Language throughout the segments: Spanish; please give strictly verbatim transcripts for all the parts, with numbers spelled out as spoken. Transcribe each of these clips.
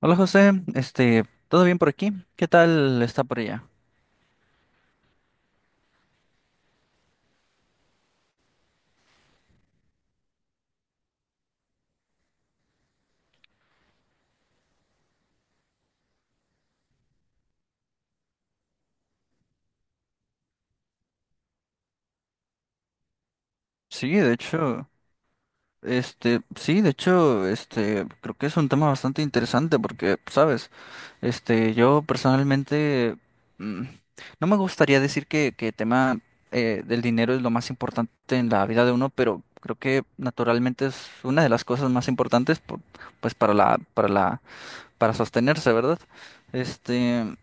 Hola José, este, ¿todo bien por aquí? ¿Qué tal está por allá? Sí, de hecho, este, sí, de hecho, este, creo que es un tema bastante interesante porque, sabes, este, yo personalmente mm, no me gustaría decir que, que el tema eh, del dinero es lo más importante en la vida de uno, pero creo que naturalmente es una de las cosas más importantes, por- pues para la, para la, para sostenerse, ¿verdad? Este.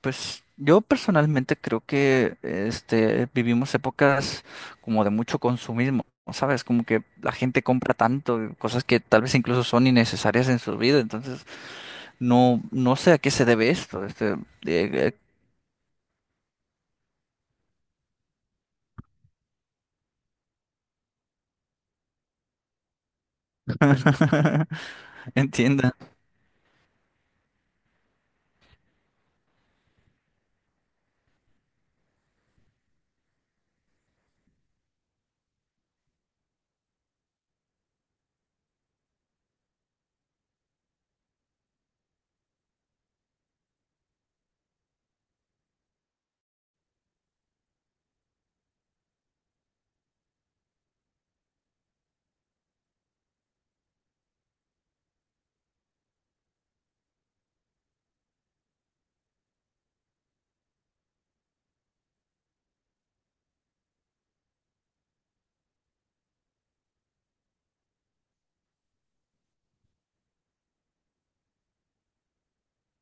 Pues yo personalmente creo que este, vivimos épocas como de mucho consumismo, ¿sabes? Como que la gente compra tanto, eh, cosas que tal vez incluso son innecesarias en su vida, entonces no, no sé a qué se debe esto, este, eh, eh, entienda.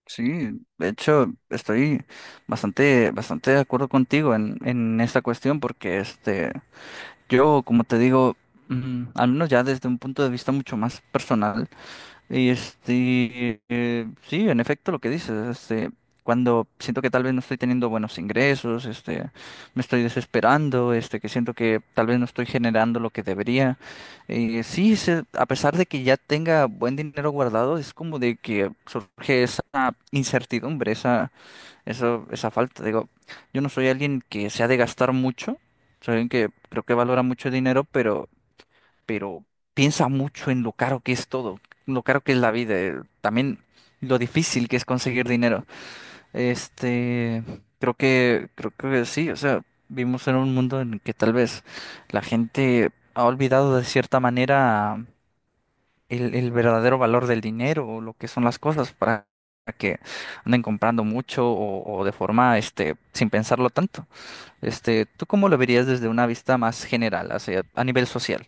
Sí, de hecho estoy bastante, bastante de acuerdo contigo en, en esta cuestión porque este, yo, como te digo, mm, al menos ya desde un punto de vista mucho más personal, y este, eh, sí, en efecto lo que dices, este, cuando siento que tal vez no estoy teniendo buenos ingresos, este, me estoy desesperando, este, que siento que tal vez no estoy generando lo que debería. eh, sí, se- a pesar de que ya tenga buen dinero guardado, es como de que surge esa incertidumbre, esa, eso, esa falta. Digo, yo no soy alguien que se ha de gastar mucho, soy alguien que creo que valora mucho el dinero, pero pero piensa mucho en lo caro que es todo, lo caro que es la vida, eh, también lo difícil que es conseguir dinero. Este, creo que, creo que sí, o sea, vivimos en un mundo en el que tal vez la gente ha olvidado de cierta manera el, el verdadero valor del dinero o lo que son las cosas para que anden comprando mucho o, o de forma, este, sin pensarlo tanto. Este, ¿tú cómo lo verías desde una vista más general, hacia, a nivel social?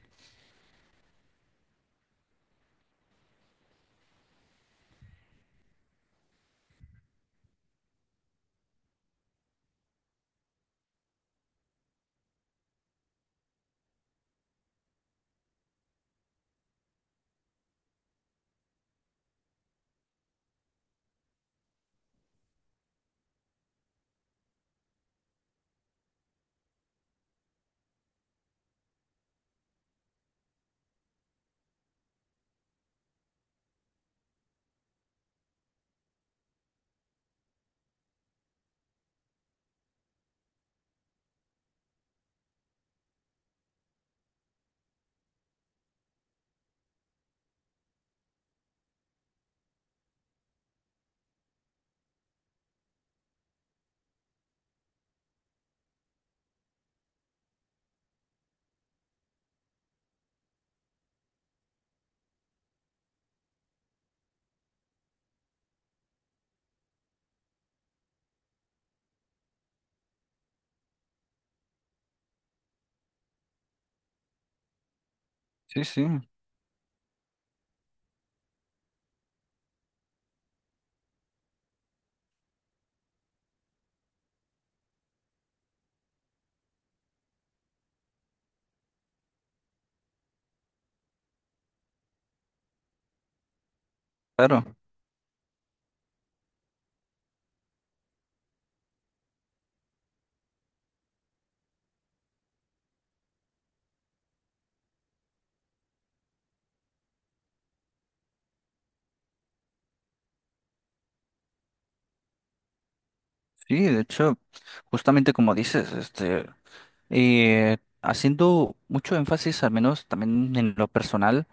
Sí, sí. Claro. Sí, de hecho, justamente como dices, este, eh, haciendo mucho énfasis, al menos también en lo personal,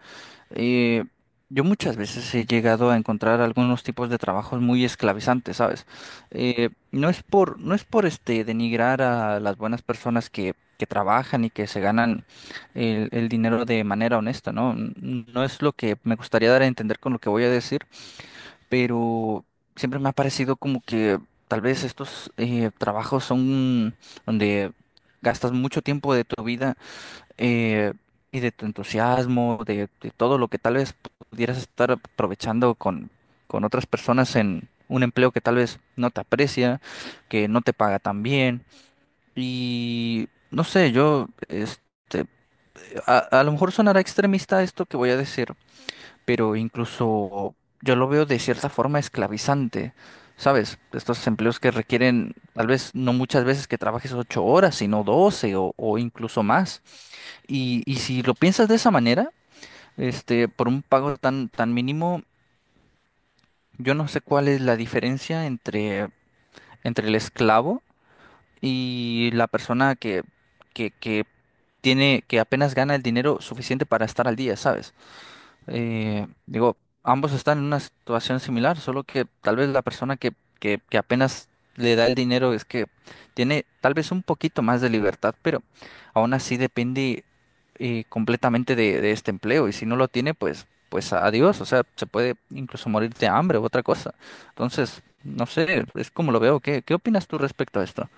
eh, yo muchas veces he llegado a encontrar algunos tipos de trabajos muy esclavizantes, ¿sabes? Eh, no es por, no es por este denigrar a las buenas personas que, que trabajan y que se ganan el, el dinero de manera honesta, ¿no? N- No es lo que me gustaría dar a entender con lo que voy a decir, pero siempre me ha parecido como que tal vez estos eh, trabajos son donde gastas mucho tiempo de tu vida eh, y de tu entusiasmo, de, de todo lo que tal vez pudieras estar aprovechando con, con otras personas en un empleo que tal vez no te aprecia, que no te paga tan bien. Y no sé, yo, este, a, a lo mejor sonará extremista esto que voy a decir, pero incluso yo lo veo de cierta forma esclavizante, ¿sabes? Estos empleos que requieren tal vez no muchas veces que trabajes ocho horas, sino doce o, o incluso más. Y, y si lo piensas de esa manera, este, por un pago tan, tan mínimo, yo no sé cuál es la diferencia entre, entre el esclavo y la persona que, que, que tiene, que apenas gana el dinero suficiente para estar al día, ¿sabes? Eh, digo, ambos están en una situación similar, solo que tal vez la persona que, que, que apenas le da el dinero es que tiene tal vez un poquito más de libertad, pero aún así depende eh, completamente de, de este empleo y si no lo tiene, pues, pues adiós, o sea, se puede incluso morir de hambre u otra cosa. Entonces, no sé, es como lo veo. ¿Qué, qué opinas tú respecto a esto?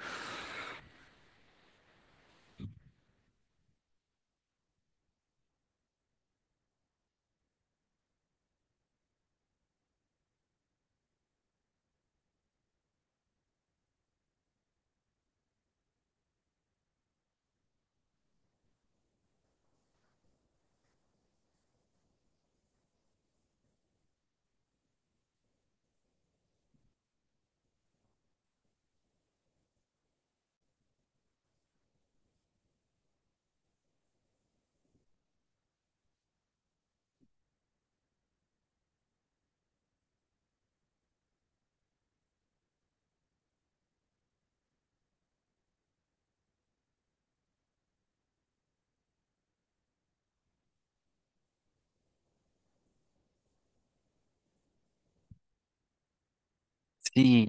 Sí,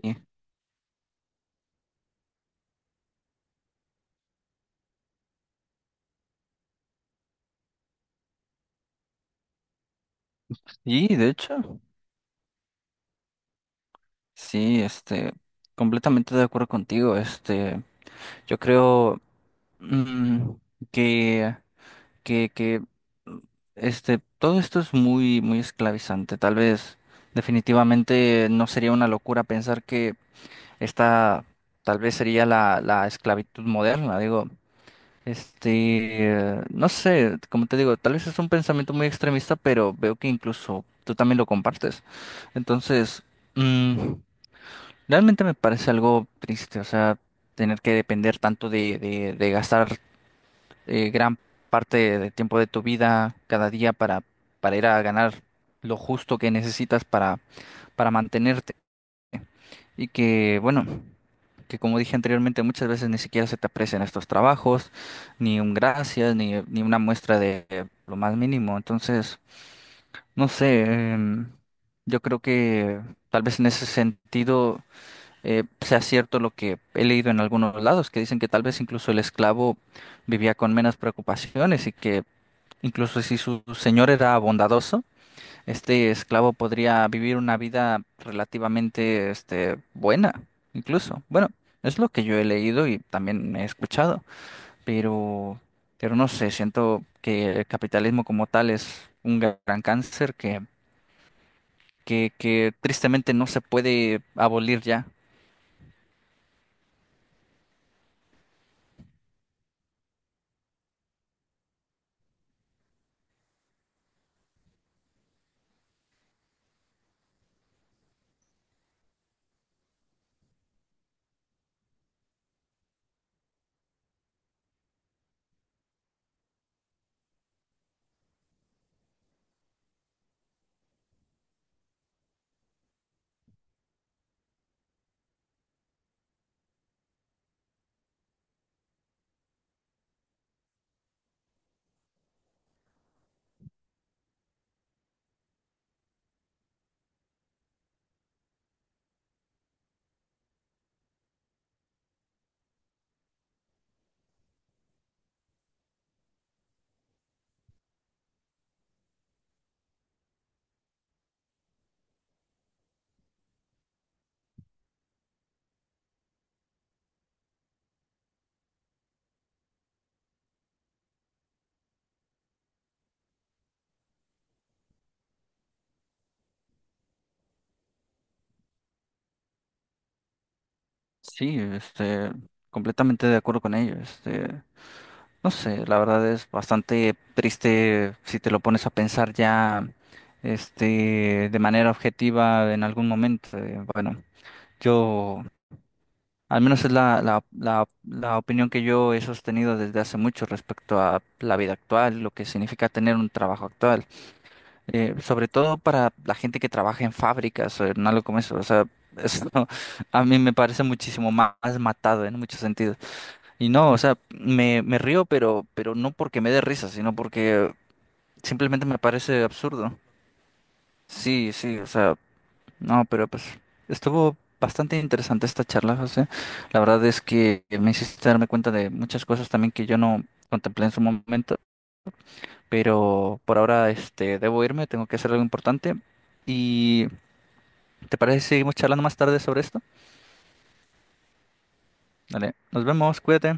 y de hecho, sí, este, completamente de acuerdo contigo, este, yo creo... Mm, que, que, que, mm, este, todo esto es muy, muy esclavizante. Tal vez, definitivamente, no sería una locura pensar que esta, tal vez sería la, la esclavitud moderna. Digo, este, eh, no sé, como te digo, tal vez es un pensamiento muy extremista, pero veo que incluso tú también lo compartes. Entonces, mm, realmente me parece algo triste, o sea, tener que depender tanto de, de de gastar eh, gran parte del tiempo de tu vida cada día para, para ir a ganar lo justo que necesitas para, para mantenerte. Y que, bueno, que como dije anteriormente, muchas veces ni siquiera se te aprecian estos trabajos, ni un gracias, ni, ni una muestra de eh, lo más mínimo. Entonces, no sé, em, yo creo que tal vez en ese sentido eh, sea cierto lo que he leído en algunos lados, que dicen que tal vez incluso el esclavo vivía con menos preocupaciones y que incluso si su señor era bondadoso, este esclavo podría vivir una vida relativamente, este, buena, incluso. Bueno, es lo que yo he leído y también he escuchado, pero, pero no sé, siento que el capitalismo como tal es un gra- gran cáncer que, que, que tristemente no se puede abolir ya. Sí, este, completamente de acuerdo con ello. Este, No sé, la verdad es bastante triste si te lo pones a pensar ya, este, de manera objetiva en algún momento. Eh, Bueno, yo, al menos es la, la, la, la opinión que yo he sostenido desde hace mucho respecto a la vida actual, lo que significa tener un trabajo actual. Eh, sobre todo para la gente que trabaja en fábricas o en algo como eso. O sea, eso a mí me parece muchísimo más matado en muchos sentidos. Y no, o sea, me, me río, pero, pero no porque me dé risa, sino porque simplemente me parece absurdo. Sí, sí, o sea, no, pero pues estuvo bastante interesante esta charla, José. La verdad es que me hiciste darme cuenta de muchas cosas también que yo no contemplé en su momento, pero por ahora este debo irme, tengo que hacer algo importante. ¿Y te parece si seguimos charlando más tarde sobre esto? Dale, nos vemos, cuídate.